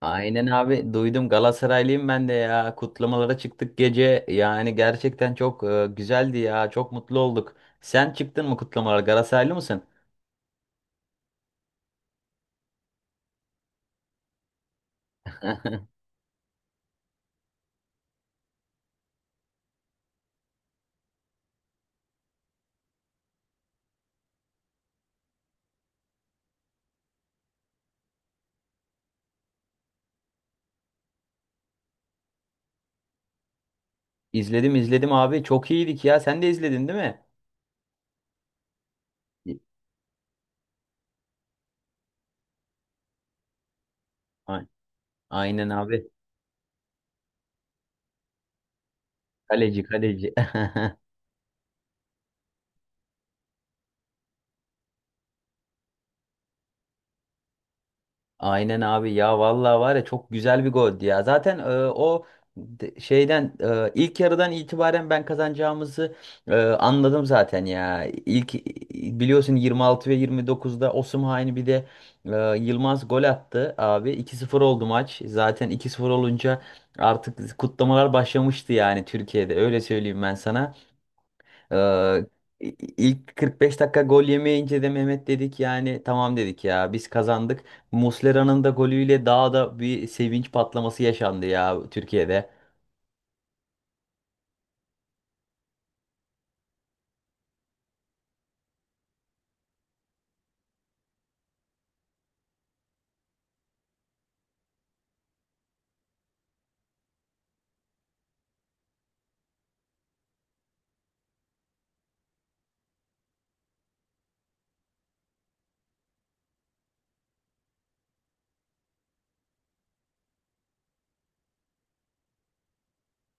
Aynen abi, duydum, Galatasaraylıyım ben de ya, kutlamalara çıktık gece, yani gerçekten çok güzeldi ya, çok mutlu olduk. Sen çıktın mı kutlamalara? Galatasaraylı mısın? İzledim izledim abi, çok iyiydik ya, sen de izledin değil mi? A- Aynen abi, kaleci kaleci. Aynen abi ya, vallahi var ya, çok güzel bir goldü ya. Zaten o şeyden ilk yarıdan itibaren ben kazanacağımızı anladım zaten ya. İlk biliyorsun 26 ve 29'da Osimhen, bir de Yılmaz gol attı abi. 2-0 oldu maç. Zaten 2-0 olunca artık kutlamalar başlamıştı yani, Türkiye'de öyle söyleyeyim ben sana. Ee, ilk 45 dakika gol yemeyince de Mehmet dedik yani, tamam dedik ya, biz kazandık. Muslera'nın da golüyle daha da bir sevinç patlaması yaşandı ya Türkiye'de.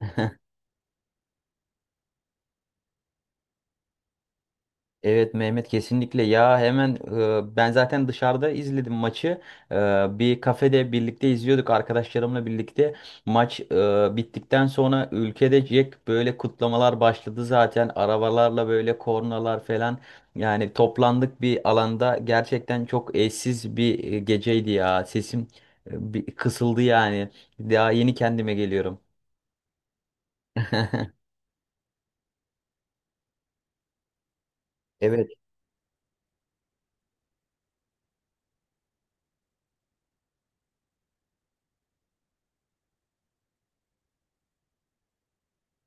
Evet Mehmet, kesinlikle ya, hemen ben zaten dışarıda izledim maçı. E, Bir kafede birlikte izliyorduk arkadaşlarımla birlikte. Maç bittikten sonra ülkede Jack böyle kutlamalar başladı zaten, arabalarla böyle kornalar falan. Yani toplandık bir alanda, gerçekten çok eşsiz bir geceydi ya, sesim bir kısıldı yani, daha yeni kendime geliyorum. Evet,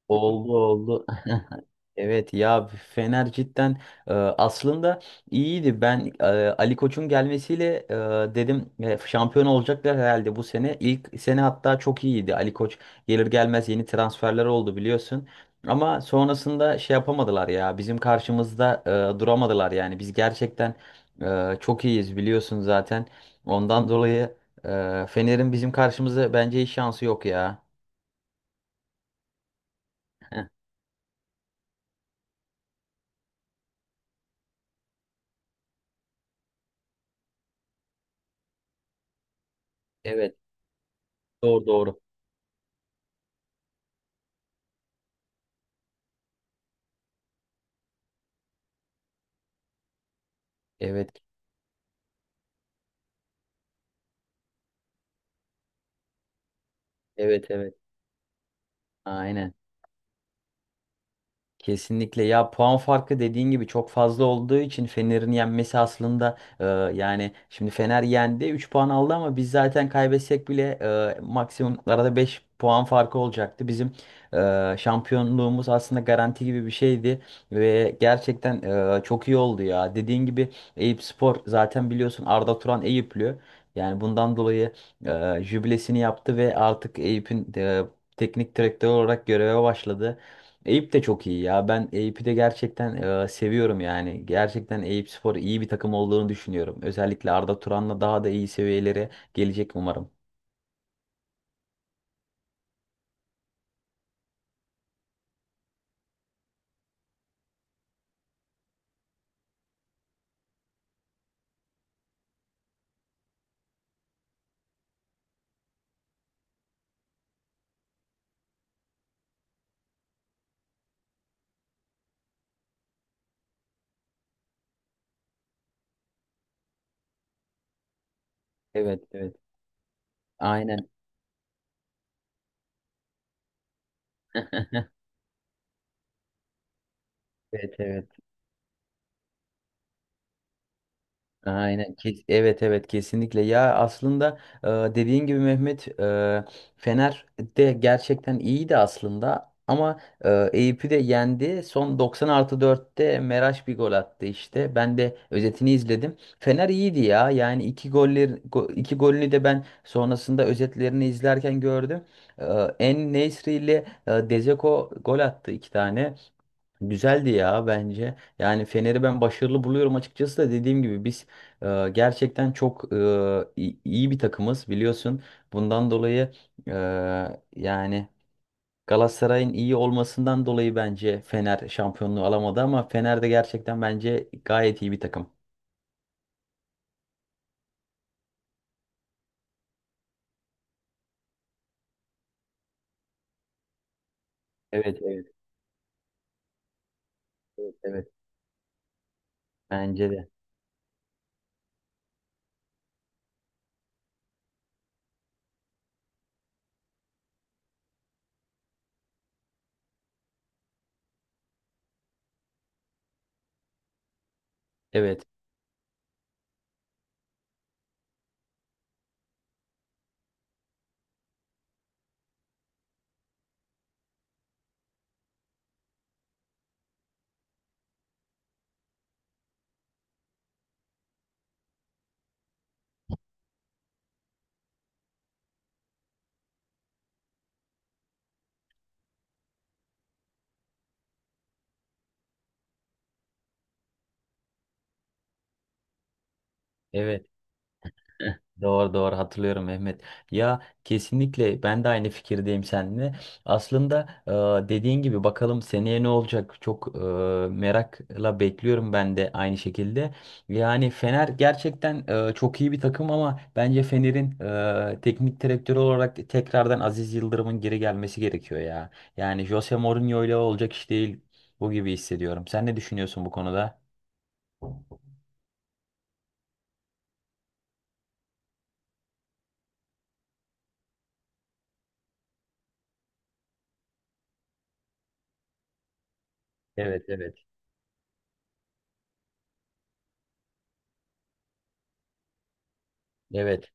oldu oldu. Evet ya, Fener cidden aslında iyiydi. Ben Ali Koç'un gelmesiyle dedim şampiyon olacaklar herhalde bu sene. İlk sene hatta çok iyiydi. Ali Koç gelir gelmez yeni transferler oldu biliyorsun. Ama sonrasında şey yapamadılar ya. Bizim karşımızda duramadılar yani. Biz gerçekten çok iyiyiz biliyorsun zaten. Ondan dolayı Fener'in bizim karşımızda bence hiç şansı yok ya. Heh. Evet. Doğru doğru. Evet. Evet evet. Aynen. Kesinlikle ya, puan farkı dediğin gibi çok fazla olduğu için Fener'in yenmesi aslında yani şimdi Fener yendi 3 puan aldı, ama biz zaten kaybetsek bile maksimum arada 5 puan farkı olacaktı. Bizim şampiyonluğumuz aslında garanti gibi bir şeydi ve gerçekten çok iyi oldu ya. Dediğin gibi Eyüp Spor zaten biliyorsun, Arda Turan Eyüplü. Yani bundan dolayı jübilesini yaptı ve artık Eyüp'ün teknik direktör olarak göreve başladı. Eyüp de çok iyi ya. Ben Eyüp'ü de gerçekten seviyorum yani. Gerçekten Eyüp Spor iyi bir takım olduğunu düşünüyorum. Özellikle Arda Turan'la daha da iyi seviyelere gelecek umarım. Evet evet. Aynen. Evet evet. Aynen. Evet evet, kesinlikle. Ya aslında dediğin gibi Mehmet, Fener de gerçekten iyiydi aslında ama Eyüp'ü de yendi. Son 90 artı 4'te Meraş bir gol attı işte. Ben de özetini izledim. Fener iyiydi ya. Yani iki golünü de ben sonrasında özetlerini izlerken gördüm. E, En-Nesyri ile Dzeko gol attı iki tane. Güzeldi ya bence. Yani Fener'i ben başarılı buluyorum açıkçası, da dediğim gibi biz gerçekten çok iyi bir takımız biliyorsun. Bundan dolayı e, yani Galatasaray'ın iyi olmasından dolayı bence Fener şampiyonluğu alamadı ama Fener de gerçekten bence gayet iyi bir takım. Evet, evet, evet, evet. Bence de. Evet. Evet. Doğru doğru, hatırlıyorum Mehmet. Ya kesinlikle, ben de aynı fikirdeyim seninle. Aslında dediğin gibi bakalım seneye ne olacak? Çok merakla bekliyorum ben de aynı şekilde. Yani Fener gerçekten çok iyi bir takım ama bence Fener'in teknik direktörü olarak tekrardan Aziz Yıldırım'ın geri gelmesi gerekiyor ya. Yani Jose Mourinho ile olacak iş değil bu gibi hissediyorum. Sen ne düşünüyorsun bu konuda? Evet evet. Evet.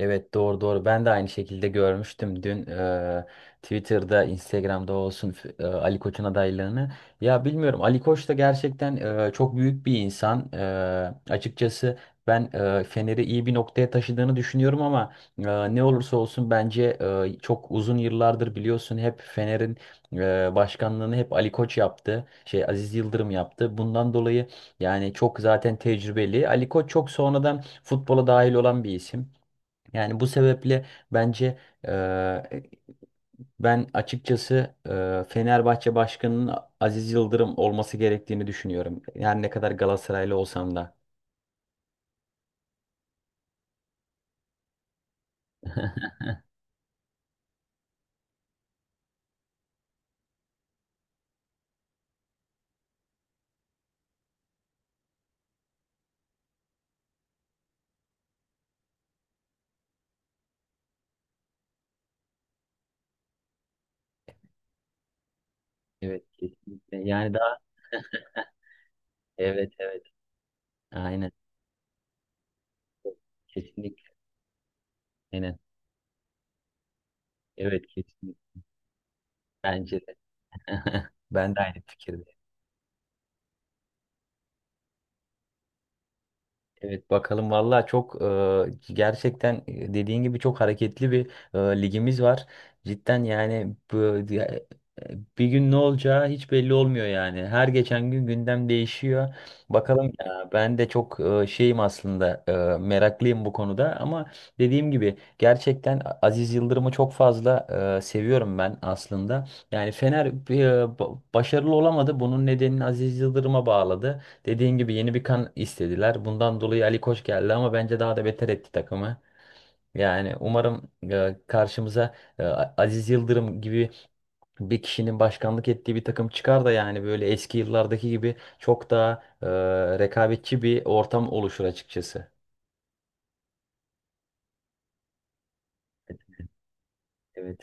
Evet doğru doğru, ben de aynı şekilde görmüştüm dün. Twitter'da Instagram'da olsun, Ali Koç'un adaylığını, ya bilmiyorum, Ali Koç da gerçekten çok büyük bir insan. Açıkçası ben Fener'i iyi bir noktaya taşıdığını düşünüyorum ama ne olursa olsun bence çok uzun yıllardır biliyorsun hep Fener'in başkanlığını hep Ali Koç yaptı, şey Aziz Yıldırım yaptı. Bundan dolayı yani çok zaten tecrübeli, Ali Koç çok sonradan futbola dahil olan bir isim. Yani bu sebeple bence eee, ben açıkçası Fenerbahçe Başkanı'nın Aziz Yıldırım olması gerektiğini düşünüyorum. Yani ne kadar Galatasaraylı olsam da. Evet kesinlikle. Yani daha evet evet. Aynen. Kesinlikle. Aynen. Evet kesinlikle. Bence de. Ben de aynı fikirde. Evet bakalım valla, çok gerçekten dediğin gibi çok hareketli bir ligimiz var. Cidden yani, bir gün ne olacağı hiç belli olmuyor yani. Her geçen gün gündem değişiyor. Bakalım ya, ben de çok şeyim aslında, meraklıyım bu konuda, ama dediğim gibi gerçekten Aziz Yıldırım'ı çok fazla seviyorum ben aslında. Yani Fener başarılı olamadı. Bunun nedenini Aziz Yıldırım'a bağladı. Dediğin gibi yeni bir kan istediler. Bundan dolayı Ali Koç geldi ama bence daha da beter etti takımı. Yani umarım karşımıza Aziz Yıldırım gibi bir kişinin başkanlık ettiği bir takım çıkar da yani böyle eski yıllardaki gibi çok daha rekabetçi bir ortam oluşur açıkçası. Evet.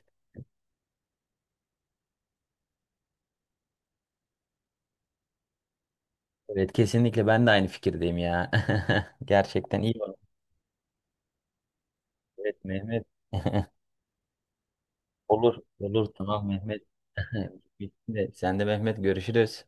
Evet kesinlikle, ben de aynı fikirdeyim ya. Gerçekten iyi var. Evet Mehmet. Olur. Olur tamam Mehmet. Bitti. Sen de Mehmet, görüşürüz.